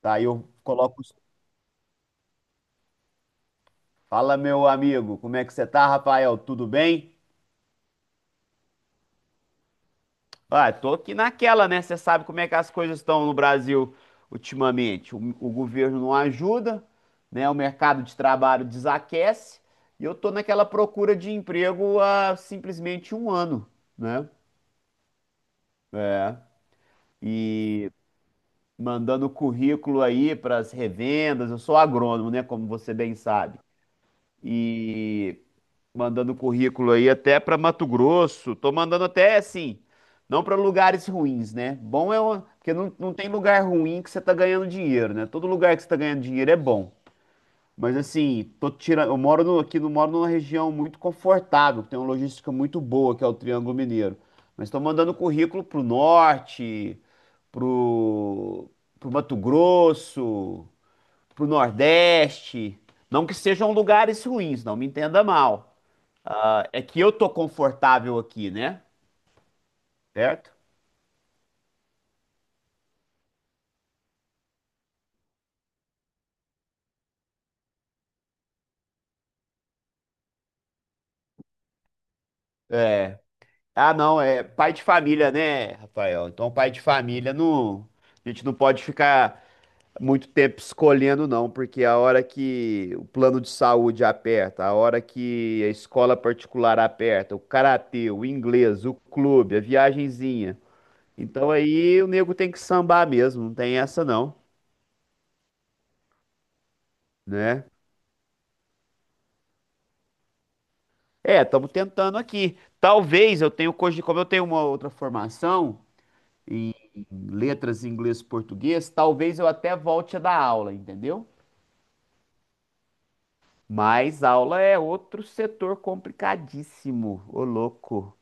Tá, aí eu coloco. Fala, meu amigo, como é que você tá, Rafael? Tudo bem? Ah, tô aqui naquela, né? Você sabe como é que as coisas estão no Brasil ultimamente. O governo não ajuda, né? O mercado de trabalho desaquece e eu tô naquela procura de emprego há simplesmente um ano, né? É. E mandando currículo aí para as revendas. Eu sou agrônomo, né? Como você bem sabe. E mandando currículo aí até para Mato Grosso. Tô mandando até assim, não para lugares ruins, né? Bom é porque não, não tem lugar ruim que você tá ganhando dinheiro, né? Todo lugar que você tá ganhando dinheiro é bom. Mas assim, tô tirando, eu moro no, aqui, não moro numa região muito confortável, que tem uma logística muito boa, que é o Triângulo Mineiro. Mas estou mandando currículo pro norte, pro, pro Mato Grosso, pro Nordeste. Não que sejam lugares ruins, não me entenda mal. Ah, é que eu tô confortável aqui, né? Certo? É. Ah, não, é pai de família, né, Rafael? Então, pai de família, não, a gente não pode ficar muito tempo escolhendo, não, porque a hora que o plano de saúde aperta, a hora que a escola particular aperta, o karatê, o inglês, o clube, a viagenzinha. Então, aí o nego tem que sambar mesmo, não tem essa, não, né? É, estamos tentando aqui. Talvez eu tenha, como eu tenho uma outra formação em letras em inglês e português, talvez eu até volte a dar aula, entendeu? Mas aula é outro setor complicadíssimo, ô louco.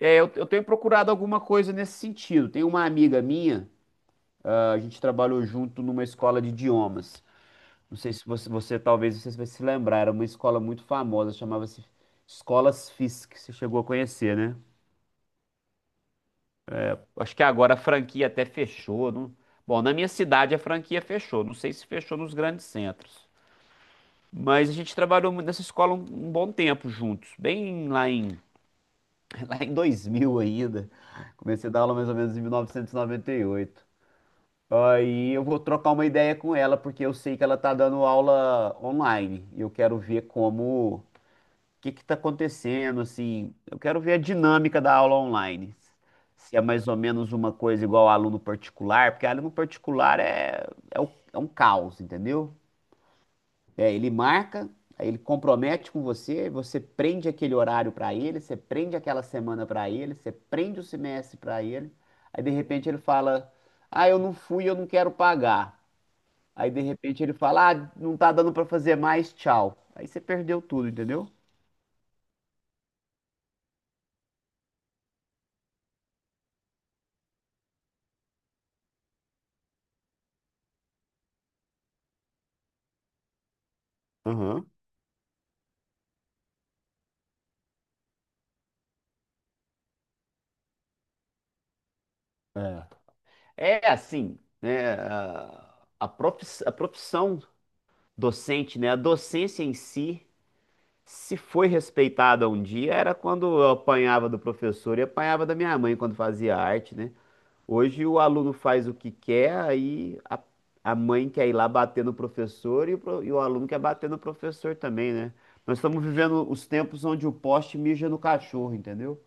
É, eu tenho procurado alguma coisa nesse sentido. Tem uma amiga minha, a gente trabalhou junto numa escola de idiomas. Não sei se você, você talvez você vai se lembrar, era uma escola muito famosa, chamava-se Escolas Fisk, que você chegou a conhecer, né? Acho que agora a franquia até fechou. Não. Bom, na minha cidade a franquia fechou. Não sei se fechou nos grandes centros. Mas a gente trabalhou nessa escola um bom tempo juntos. Bem lá em 2000 ainda. Comecei a dar aula mais ou menos em 1998. Aí eu vou trocar uma ideia com ela, porque eu sei que ela tá dando aula online. E eu quero ver como que está acontecendo, assim, eu quero ver a dinâmica da aula online. Se é mais ou menos uma coisa igual ao aluno particular, porque aluno particular é, é um caos, entendeu? É, ele marca, aí ele compromete com você, você prende aquele horário para ele, você prende aquela semana para ele, você prende o semestre para ele, aí de repente ele fala, ah, eu não fui, eu não quero pagar. Aí de repente ele fala, ah, não tá dando para fazer mais, tchau. Aí você perdeu tudo, entendeu? Aham. É. É assim, né? A a profissão docente, né? A docência em si, se foi respeitada um dia, era quando eu apanhava do professor e apanhava da minha mãe quando fazia arte, né? Hoje o aluno faz o que quer, aí a mãe quer ir lá bater no professor e e o aluno quer bater no professor também, né? Nós estamos vivendo os tempos onde o poste mija no cachorro, entendeu?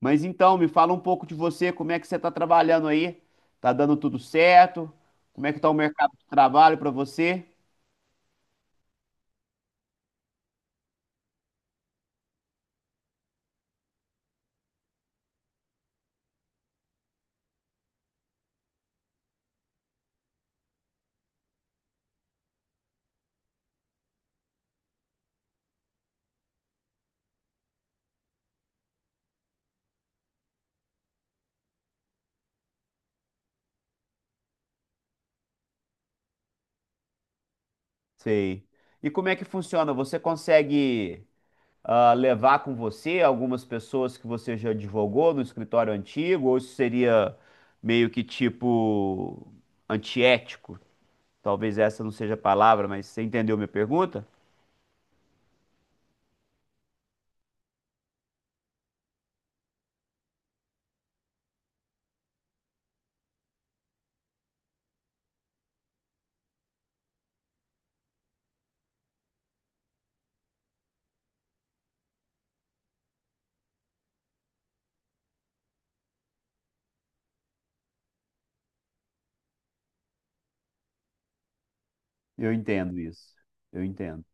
Mas então, me fala um pouco de você, como é que você está trabalhando aí? Tá dando tudo certo? Como é que está o mercado de trabalho para você? Sei. E como é que funciona? Você consegue levar com você algumas pessoas que você já advogou no escritório antigo? Ou isso seria meio que tipo antiético? Talvez essa não seja a palavra, mas você entendeu minha pergunta? Eu entendo isso. Eu entendo.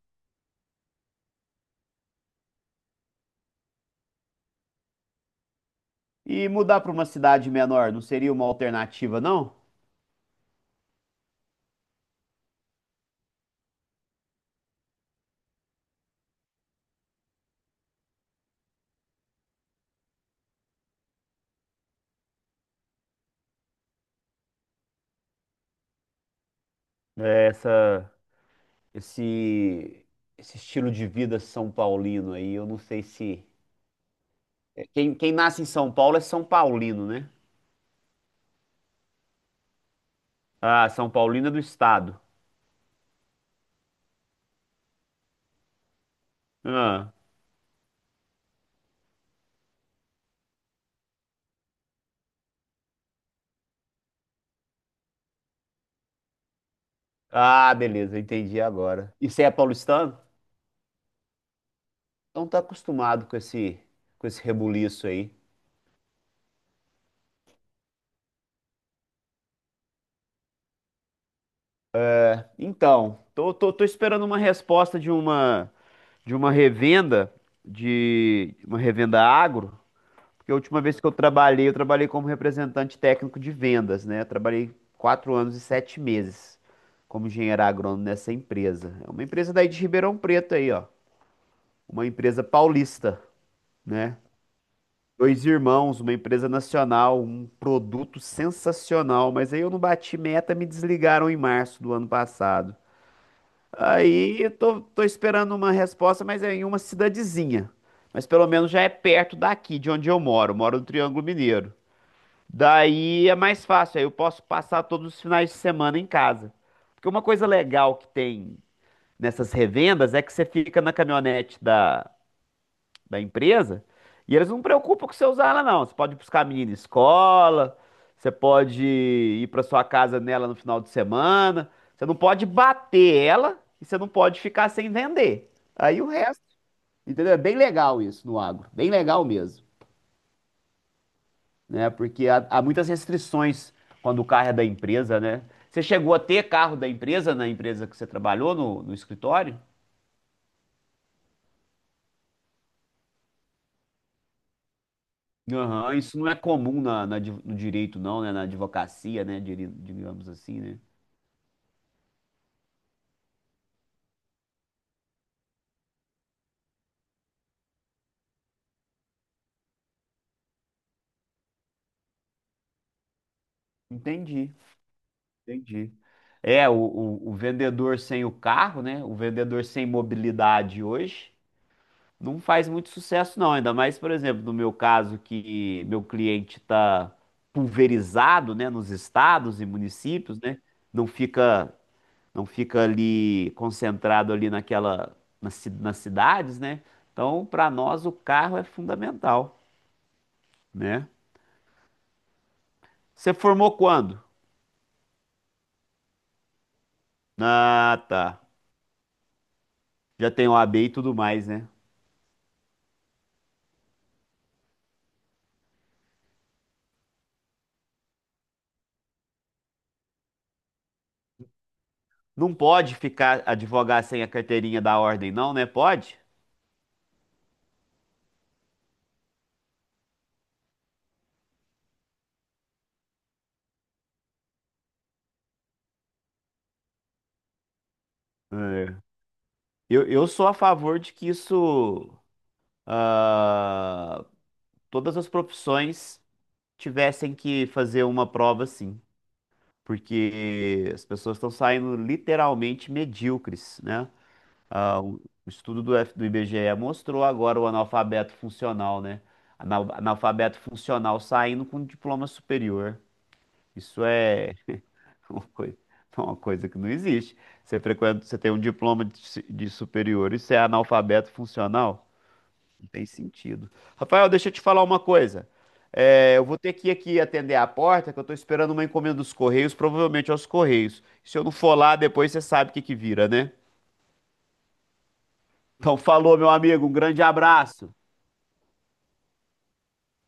E mudar para uma cidade menor não seria uma alternativa, não? É, esse, esse estilo de vida São Paulino aí, eu não sei se. É, quem nasce em São Paulo é São Paulino, né? Ah, São Paulino é do estado. Ah, ah, beleza, entendi agora. E você é paulistano? Então tá acostumado com esse rebuliço aí. Então, tô esperando uma resposta de uma revenda, de uma revenda agro. Porque a última vez que eu trabalhei como representante técnico de vendas, né? Eu trabalhei quatro anos e sete meses como engenheiro agrônomo nessa empresa. É uma empresa daí de Ribeirão Preto aí, ó. Uma empresa paulista, né? Dois irmãos, uma empresa nacional, um produto sensacional. Mas aí eu não bati meta, me desligaram em março do ano passado. Aí eu tô esperando uma resposta, mas é em uma cidadezinha. Mas pelo menos já é perto daqui, de onde eu moro. Eu moro no Triângulo Mineiro. Daí é mais fácil, aí eu posso passar todos os finais de semana em casa. Porque uma coisa legal que tem nessas revendas é que você fica na caminhonete da, da empresa e eles não preocupam com você usar ela, não. Você pode buscar a menina em escola, você pode ir para sua casa nela no final de semana. Você não pode bater ela e você não pode ficar sem vender. Aí o resto, entendeu? É bem legal isso no agro, bem legal mesmo. Né? Porque há muitas restrições quando o carro é da empresa, né? Você chegou a ter carro da empresa na empresa que você trabalhou no, no escritório? Aham, isso não é comum no direito, não, né? Na advocacia, né? Digamos assim, né? Entendi, entendi. É, o vendedor sem o carro, né? O vendedor sem mobilidade hoje, não faz muito sucesso, não. Ainda mais, por exemplo, no meu caso, que meu cliente está pulverizado, né, nos estados e municípios, né? Não fica, não fica ali concentrado ali nas cidades, né? Então, para nós, o carro é fundamental, né? Você formou quando? Ah, tá. Já tem OAB e tudo mais, né? Não pode ficar advogar sem a carteirinha da ordem, não, né? Pode? É. Eu sou a favor de que isso ah, todas as profissões tivessem que fazer uma prova assim, porque as pessoas estão saindo literalmente medíocres, né? Ah, o estudo do IBGE mostrou agora o analfabeto funcional, né? Analfabeto funcional saindo com diploma superior. Isso é uma coisa, uma coisa que não existe. Você frequenta, você tem um diploma de superior e você é analfabeto funcional? Tem sentido. Rafael, deixa eu te falar uma coisa. É, eu vou ter que ir aqui atender a porta, que eu tô esperando uma encomenda dos Correios, provavelmente aos Correios. Se eu não for lá, depois você sabe o que que vira, né? Então, falou, meu amigo. Um grande abraço.